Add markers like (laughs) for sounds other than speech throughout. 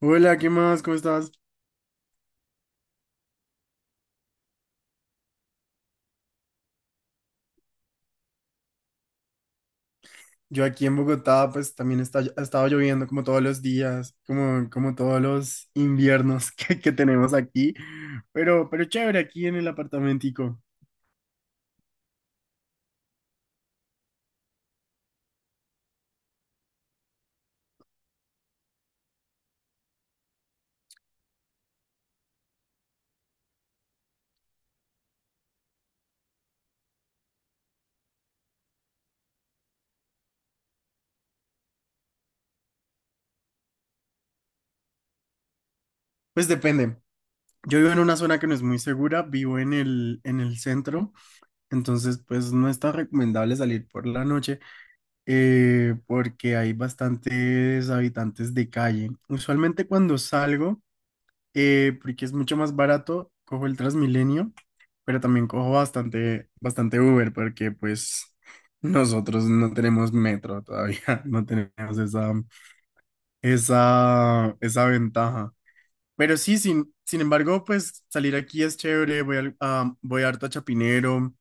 Hola, ¿qué más? ¿Cómo estás? Yo aquí en Bogotá, pues también está, ha estado lloviendo como todos los días, como todos los inviernos (laughs) que tenemos aquí, pero chévere, aquí en el apartamentico. Pues depende. Yo vivo en una zona que no es muy segura, vivo en el centro, entonces pues no es tan recomendable salir por la noche porque hay bastantes habitantes de calle. Usualmente cuando salgo... porque es mucho más barato, cojo el Transmilenio, pero también cojo bastante Uber, porque pues nosotros no tenemos metro todavía, (laughs) no tenemos esa ventaja. Pero sí, sin embargo, pues salir aquí es chévere, voy harto a Chapinero,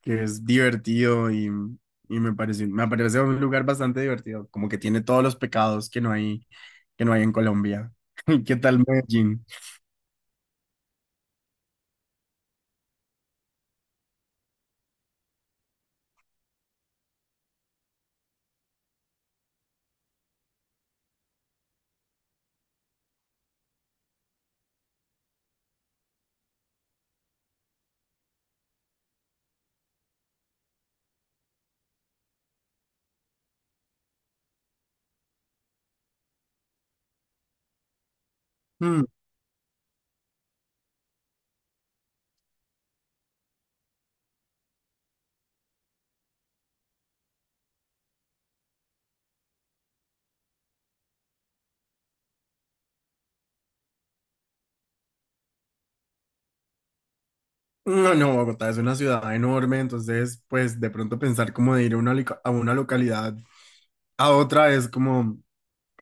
que es divertido y, me parece un lugar bastante divertido, como que tiene todos los pecados que no hay en Colombia. (laughs) ¿Qué tal Medellín? Hmm. No, no, Bogotá es una ciudad enorme, entonces pues de pronto pensar como de ir a una, a una localidad a otra es como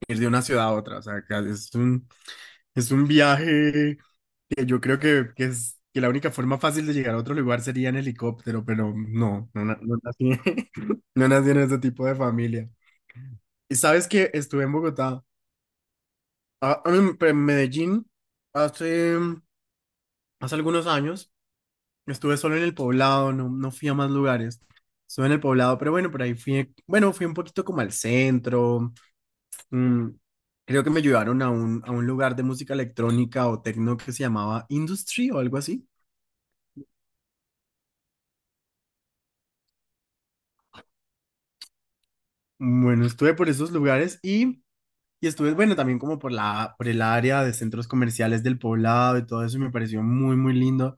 ir de una ciudad a otra, o sea, es un viaje que yo creo que es que la única forma fácil de llegar a otro lugar sería en helicóptero, pero no, no, no nací, (laughs) no nací en ese tipo de familia. Y sabes que estuve en Bogotá, ah, en Medellín hace, hace algunos años. Estuve solo en el poblado, no, no fui a más lugares. Estuve en el poblado, pero bueno, por ahí fui, bueno, fui un poquito como al centro. mm, Creo que me llevaron a un lugar de música electrónica o techno que se llamaba Industry o algo así. Bueno, estuve por esos lugares y estuve, bueno, también como por la, por el área de centros comerciales del poblado y todo eso, y me pareció muy, muy lindo.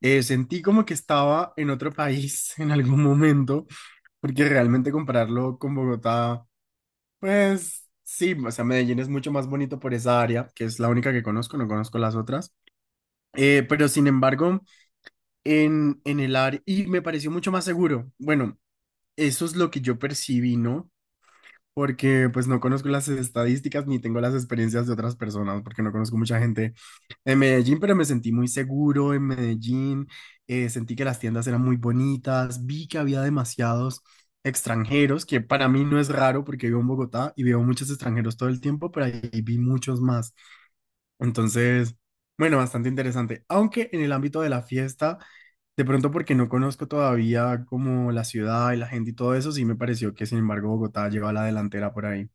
Sentí como que estaba en otro país (laughs) en algún momento, porque realmente compararlo con Bogotá. Pues sí, o sea, Medellín es mucho más bonito por esa área, que es la única que conozco, no conozco las otras. Pero sin embargo, en el área, y me pareció mucho más seguro. Bueno, eso es lo que yo percibí, ¿no? Porque pues no conozco las estadísticas ni tengo las experiencias de otras personas, porque no conozco mucha gente en Medellín, pero me sentí muy seguro en Medellín, sentí que las tiendas eran muy bonitas, vi que había demasiados extranjeros, que para mí no es raro porque vivo en Bogotá y veo muchos extranjeros todo el tiempo, pero ahí vi muchos más. Entonces, bueno, bastante interesante, aunque en el ámbito de la fiesta... De pronto porque no conozco todavía como la ciudad y la gente y todo eso, sí me pareció que sin embargo Bogotá lleva a la delantera por ahí.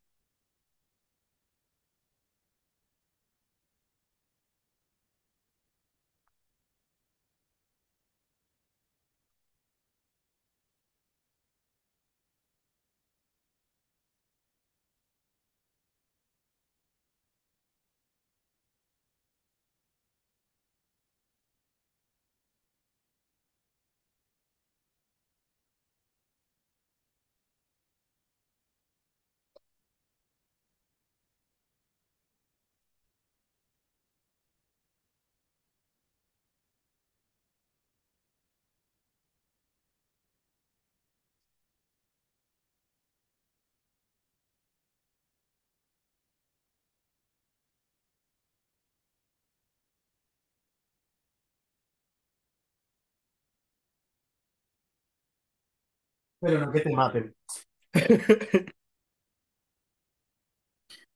Pero no que te maten. (laughs)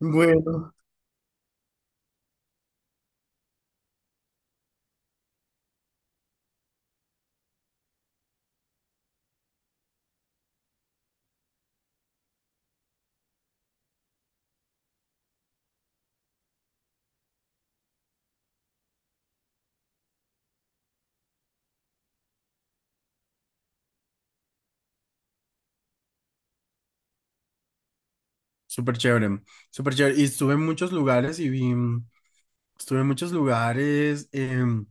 Bueno. Súper chévere, súper chévere. Y estuve en muchos lugares y vi, estuve en muchos lugares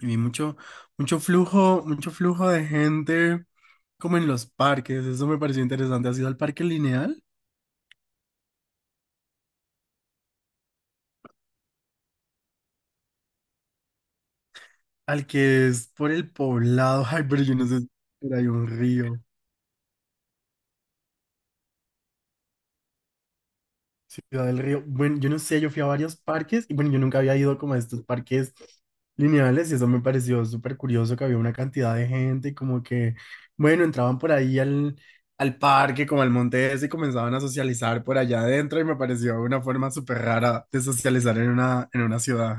y vi mucho, mucho flujo de gente como en los parques. Eso me pareció interesante. ¿Has ido al parque lineal? Al que es por el poblado. (laughs) Ay, pero yo no sé si era ahí un río. Ciudad del Río. Bueno, yo no sé, yo fui a varios parques y bueno, yo nunca había ido como a estos parques lineales y eso me pareció súper curioso que había una cantidad de gente y como que, bueno, entraban por ahí al parque, como al monte ese y comenzaban a socializar por allá adentro y me pareció una forma súper rara de socializar en una ciudad.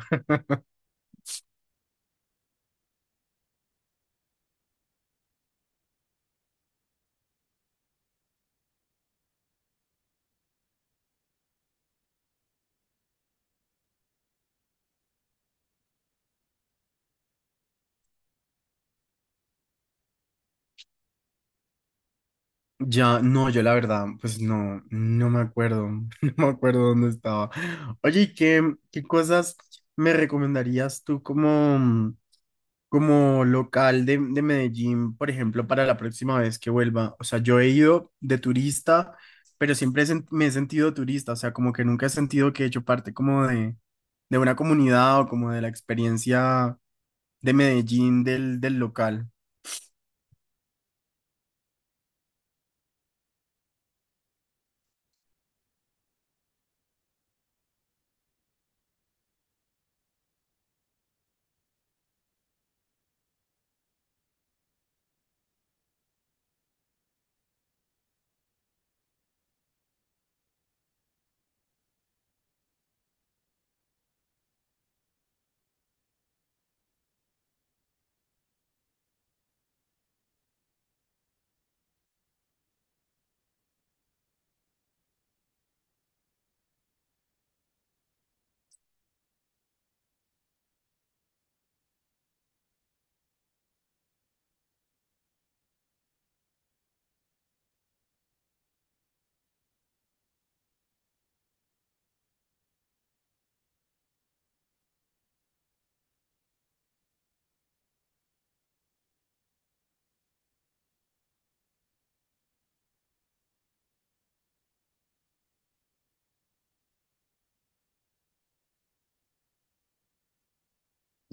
Ya, no, yo la verdad, pues no, no me acuerdo, (laughs) no me acuerdo dónde estaba. Oye, ¿y ¿qué, qué cosas me recomendarías tú como, como local de Medellín, por ejemplo, para la próxima vez que vuelva? O sea, yo he ido de turista, pero siempre me he sentido turista, o sea, como que nunca he sentido que he hecho parte como de una comunidad o como de la experiencia de Medellín del, del local.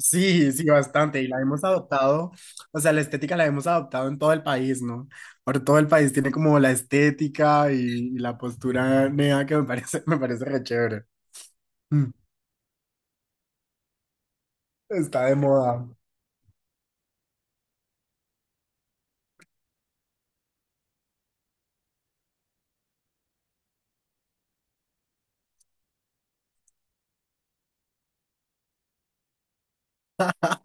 Sí, sí, bastante. Y la hemos adoptado, o sea, la estética la hemos adoptado en todo el país, ¿no? Por todo el país tiene como la estética y la postura nea que me parece, (laughs) me parece re chévere. Mm, Está de moda. (laughs)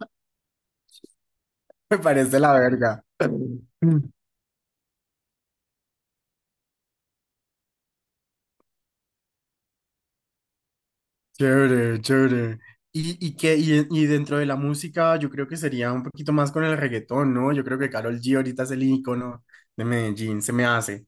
Me parece la verga. Mm, Chévere, chévere. Y que, y dentro de la música, yo creo que sería un poquito más con el reggaetón, ¿no? Yo creo que Karol G ahorita es el ícono de Medellín, se me hace.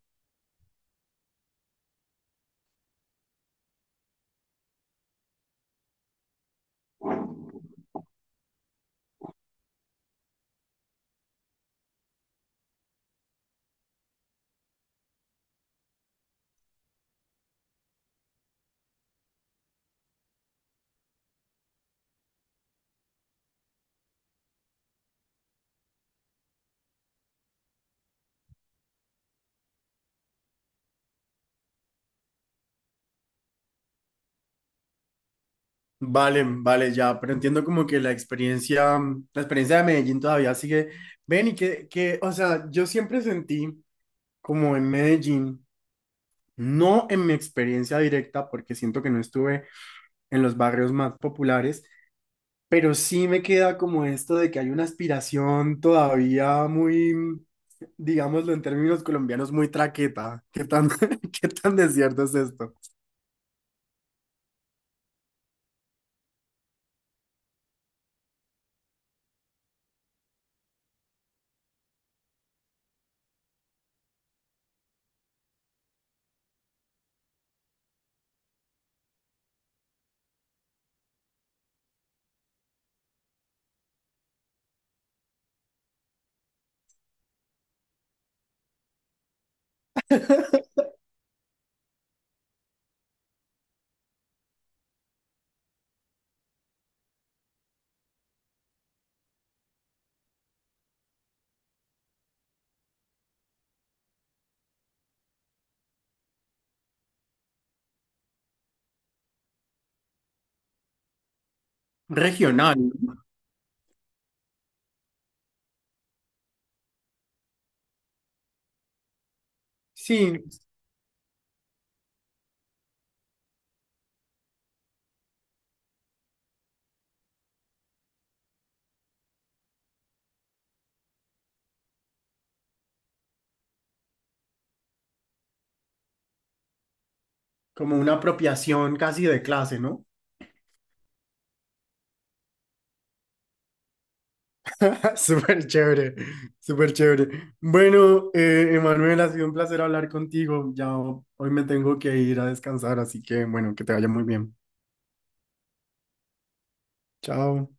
Vale, vale, ya, pero entiendo como que la experiencia, la experiencia de Medellín todavía sigue. Ven y que, o sea, yo siempre sentí como en Medellín, no en mi experiencia directa, porque siento que no estuve en los barrios más populares, pero sí me queda como esto de que hay una aspiración todavía muy, digámoslo en términos colombianos, muy traqueta. ¿Qué tan, (laughs) qué tan desierto es esto? Regional. ¿No? Sí, como una apropiación casi de clase, ¿no? (laughs) Súper chévere, súper chévere. Bueno, Emanuel, ha sido un placer hablar contigo. Ya hoy me tengo que ir a descansar, así que bueno, que te vaya muy bien. Chao.